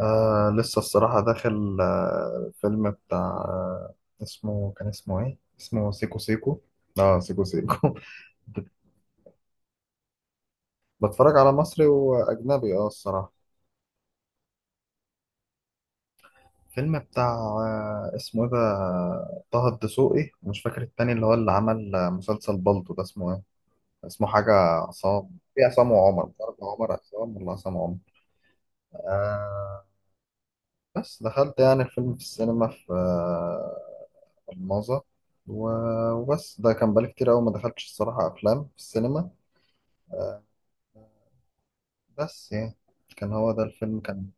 لسه الصراحة داخل فيلم بتاع اسمه، كان اسمه ايه؟ اسمه سيكو سيكو، اه سيكو سيكو. بتفرج على مصري وأجنبي اه الصراحة. فيلم بتاع اسمه ايه ده، طه الدسوقي ومش فاكر التاني اللي هو اللي عمل مسلسل بالطو ده اسمه ايه؟ اسمه حاجة، عصام. في عصام وعمر، مش عارف عمر عصام ولا عصام عمر. آه. بس دخلت يعني الفيلم في السينما في الماظة، وبس ده كان بقالي كتير أوي ما دخلتش الصراحة أفلام في السينما. بس يعني كان هو ده الفيلم، كان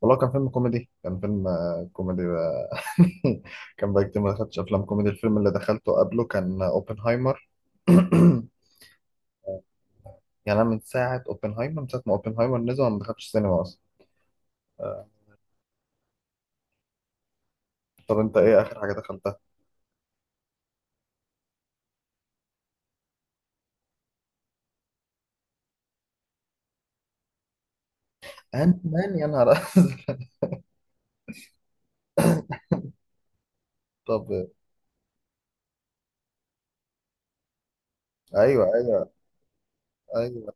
والله كان فيلم كوميدي، كان فيلم كوميدي بقى. كان بقالي كتير ما دخلتش أفلام كوميدي، الفيلم اللي دخلته قبله كان أوبنهايمر. يعني أنا من ساعة أوبنهايمر، من ساعة ما أوبنهايمر نزل وأنا ما دخلتش السينما أصلا. آه، طب أنت إيه آخر حاجة دخلتها؟ أنت مان، يا نهار أزرق. طب. أيوه أيوه. أيوه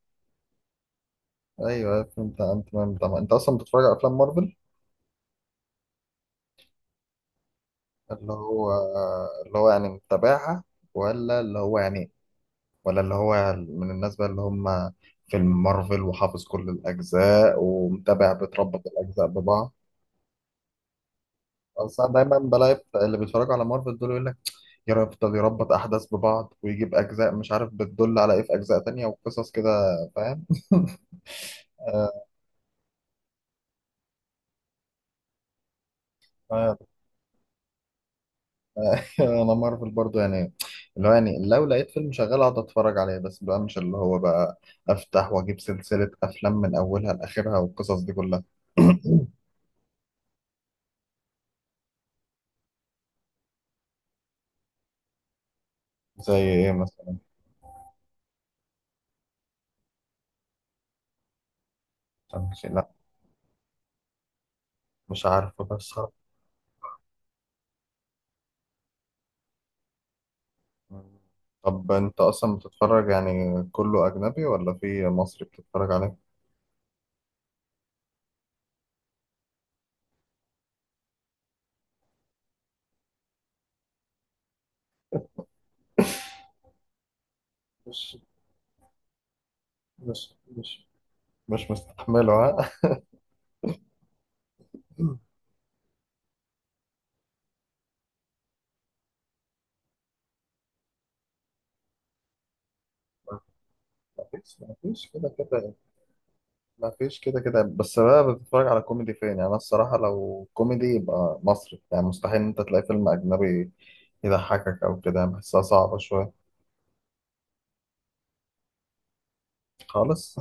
أيوه، فيلم بتاع أنت مان. طبعا أنت أصلا بتتفرج على أفلام مارفل؟ اللي هو، اللي هو يعني متابعها، ولا اللي هو يعني، ولا اللي هو من الناس بقى اللي هم فيلم مارفل وحافظ كل الأجزاء ومتابع بتربط الأجزاء ببعض. أصل أنا دايما بلاقي اللي بيتفرجوا على مارفل دول يقول لك يفضل يربط أحداث ببعض ويجيب أجزاء مش عارف بتدل على إيه في أجزاء تانية وقصص كده، فاهم؟ انا مارفل برضو يعني، اللي هو يعني لو لقيت فيلم شغال اقعد اتفرج عليه، بس بقى مش اللي هو بقى افتح واجيب سلسلة افلام من اولها لاخرها والقصص دي كلها. زي ايه مثلا؟ لا، مش عارفه بس. طب انت اصلا بتتفرج يعني كله اجنبي ولا في مصري بتتفرج عليه؟ مش مش، مش مستحمله ها. مفيش، مفيش كده كده ما فيش كده كده بس بقى بتتفرج على كوميدي فين؟ يعني انا الصراحه لو كوميدي يبقى مصري، يعني مستحيل ان انت تلاقي فيلم اجنبي يضحكك او كده، يعني بحسها صعبه شويه خالص.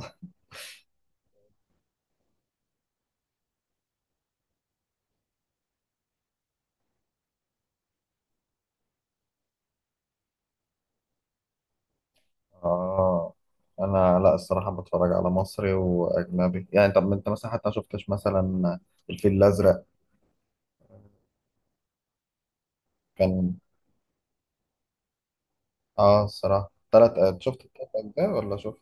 اه. انا لا الصراحه بتفرج على مصري واجنبي يعني. طب انت مثلا حتى ما شفتش مثلا الفيل الازرق؟ كان، اه الصراحه تلات، شفت التلات اجزاء ولا شفت؟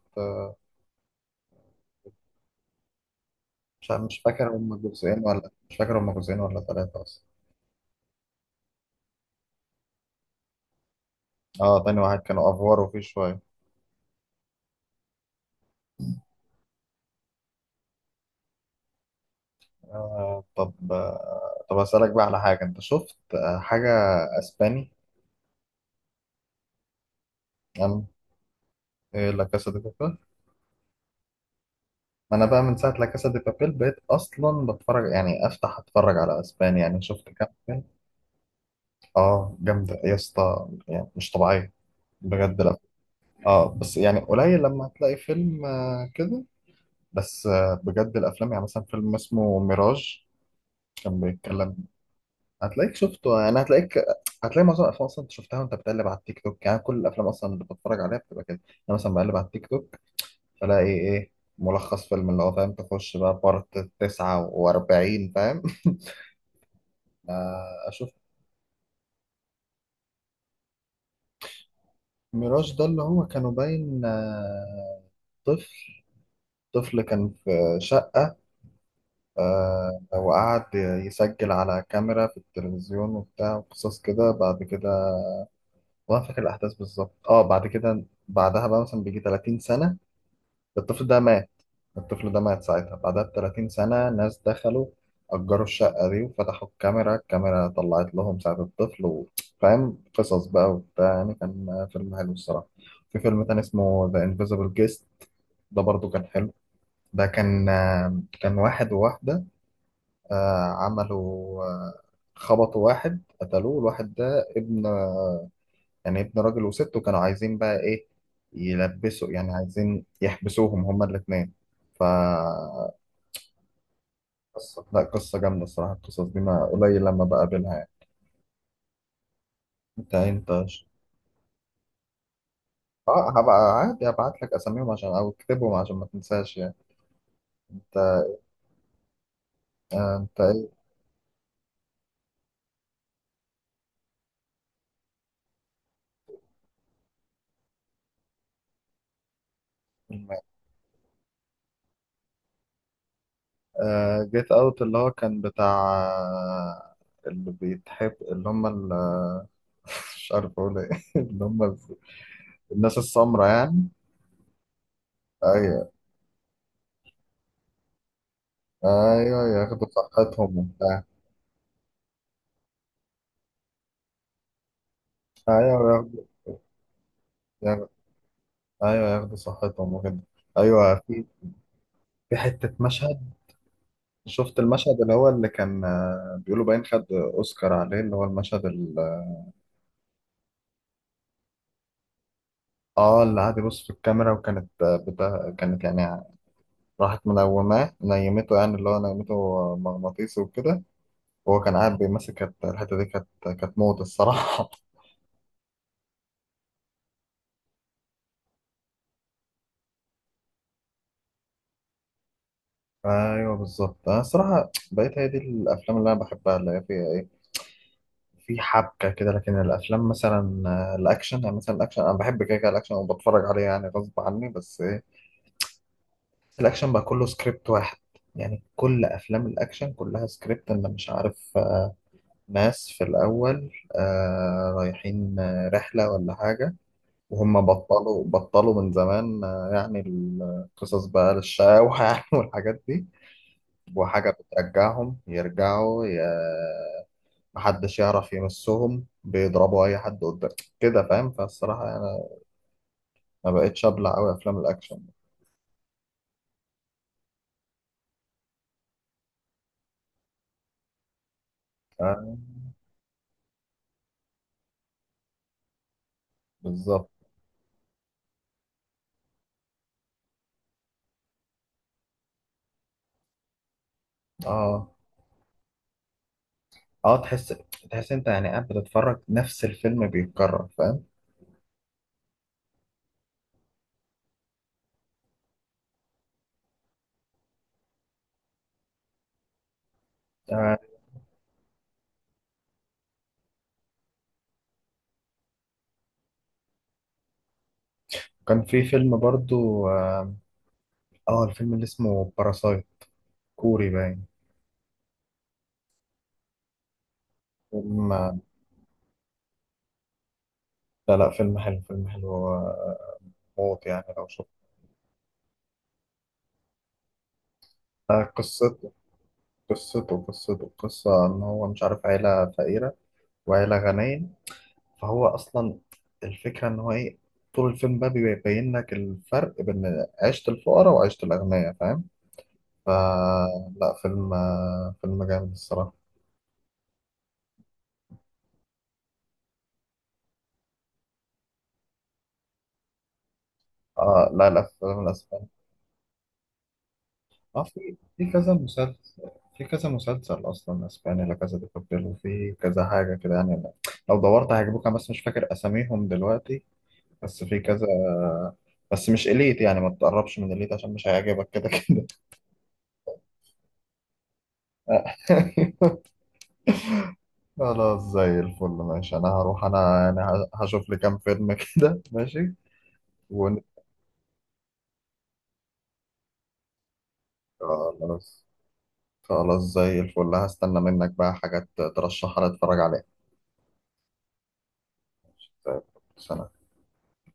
مش فاكر هم جزئين، ولا مش فاكر هم جزئين ولا ثلاثه اصلا. اه تاني واحد كانوا افوار وفيه شويه. آه طب، آه طب أسألك بقى على حاجة، أنت شفت آه حاجة أسباني؟ عن لا كاسا دي بابيل؟ ما أنا بقى من ساعة لا كاسا دي بابيل بقيت أصلا بتفرج يعني أفتح أتفرج على أسباني، يعني شفت كام فيلم. آه جامدة يا اسطى، يعني مش طبيعية بجد، لا. آه بس يعني قليل لما هتلاقي فيلم آه كده، بس آه بجد الأفلام. يعني مثلا فيلم اسمه ميراج، كان بيتكلم. هتلاقيك شفته، يعني هتلاقيك، هتلاقي معظم الافلام اصلا انت شفتها وانت بتقلب على التيك توك. يعني كل الافلام اصلا اللي بتفرج عليها بتبقى كده، انا مثلا بقلب على التيك توك فلاقي ايه، ملخص فيلم، اللي هو فاهم، تخش بقى بارت 49، فاهم؟ آه، اشوف. ميراج ده اللي هو كانوا باين طفل، كان في شقة، وقعد يسجل على كاميرا في التلفزيون وبتاع وقصص كده. بعد كده، وانا فاكر الاحداث بالظبط، اه بعد كده بعدها بقى مثلا بيجي 30 سنة، الطفل ده مات. الطفل ده مات ساعتها، بعدها بتلاتين سنة ناس دخلوا أجروا الشقة دي وفتحوا الكاميرا، الكاميرا طلعت لهم ساعة الطفل فاهم قصص بقى وبتاع، يعني كان فيلم حلو الصراحة. في فيلم تاني اسمه The Invisible Guest، ده برضو كان حلو. ده كان، كان واحد وواحدة، عملوا، خبطوا واحد قتلوه، الواحد ده ابن يعني ابن راجل وست، وكانوا عايزين بقى ايه، يلبسوا، يعني عايزين يحبسوهم هما الاتنين. ف قصة، لا قصة جامدة الصراحة، القصص دي ما قليل لما بقابلها يعني. انت انت اه هبقى عادي هبعت لك اساميهم عشان، او اكتبهم عشان ما تنساش يعني. انت آه، انت ايه؟ الم- آه جيت اوت، اللي هو كان بتاع اللي بيتحب، اللي هم مش عارف اقول ايه. اللي هم الناس السمرا يعني. ايوه ايوه، ياخدوا صحتهم وبتاع. ايوه ياخدوا، ياخدوا- ايوه ياخدوا صحتهم وكده. ايوه، في في حتة مشهد، شفت المشهد اللي هو اللي كان بيقولوا باين خد اوسكار عليه، اللي هو المشهد. اه اللي قعد يبص في الكاميرا، وكانت بتا... كانت يعني راحت منوماه، نيمته يعني، اللي هو نيمته مغناطيسي وكده، وهو كان قاعد بيمسك. الحته دي كانت، كانت موت الصراحه. ايوه بالظبط، انا الصراحه بقيت هي دي الافلام اللي انا بحبها، اللي هي فيها ايه، في حبكه كده. لكن الافلام مثلا الاكشن، يعني مثلا الاكشن انا بحب كده كده الاكشن وبتفرج عليه يعني غصب عني، بس إيه، الأكشن بقى كله سكريبت واحد. يعني كل أفلام الأكشن كلها سكريبت، أنا مش عارف، ناس في الأول رايحين رحلة ولا حاجة، وهم بطلوا من زمان، يعني القصص بقى للشقاوة يعني، والحاجات دي وحاجة بترجعهم يرجعوا محدش يعرف يمسهم، بيضربوا أي حد قدام كده، فاهم؟ فالصراحة أنا ما بقتش أبلع أوي أفلام الأكشن. آه، بالظبط. اه اه، تحس، انت يعني قاعد بتتفرج نفس الفيلم بيتكرر، فاهم؟ آه. كان في فيلم برضو اه، الفيلم اللي اسمه باراسايت، كوري باين. فيلم، لا لا، فيلم حلو، فيلم حلو موت يعني لو شفت. آه قصته، قصته قصة ان هو مش عارف، عيلة فقيرة وعيلة غنية، فهو اصلا الفكرة ان هو ايه، طول الفيلم بقى بيبين لك الفرق بين عيشة الفقراء وعيشة الأغنياء، فاهم؟ فلا فيلم فيلم جامد الصراحة. اه لا لا، فيلم الاسباني اه، في في كذا مسلسل، في كذا مسلسل اصلا اسباني لا كذا دي بابيل، وفي كذا حاجه كده يعني. أنا لو دورت هيعجبوك، انا بس مش فاكر اساميهم دلوقتي، بس في كذا. بس مش اليت، يعني ما تقربش من اليت عشان مش هيعجبك كده كده. خلاص زي الفل، ماشي انا هروح، انا يعني هشوف لي كام فيلم كده، ماشي. ون... خلاص، خلاص زي الفل، هستنى منك بقى حاجات ترشحها لي اتفرج عليها. زي الفل. سلام.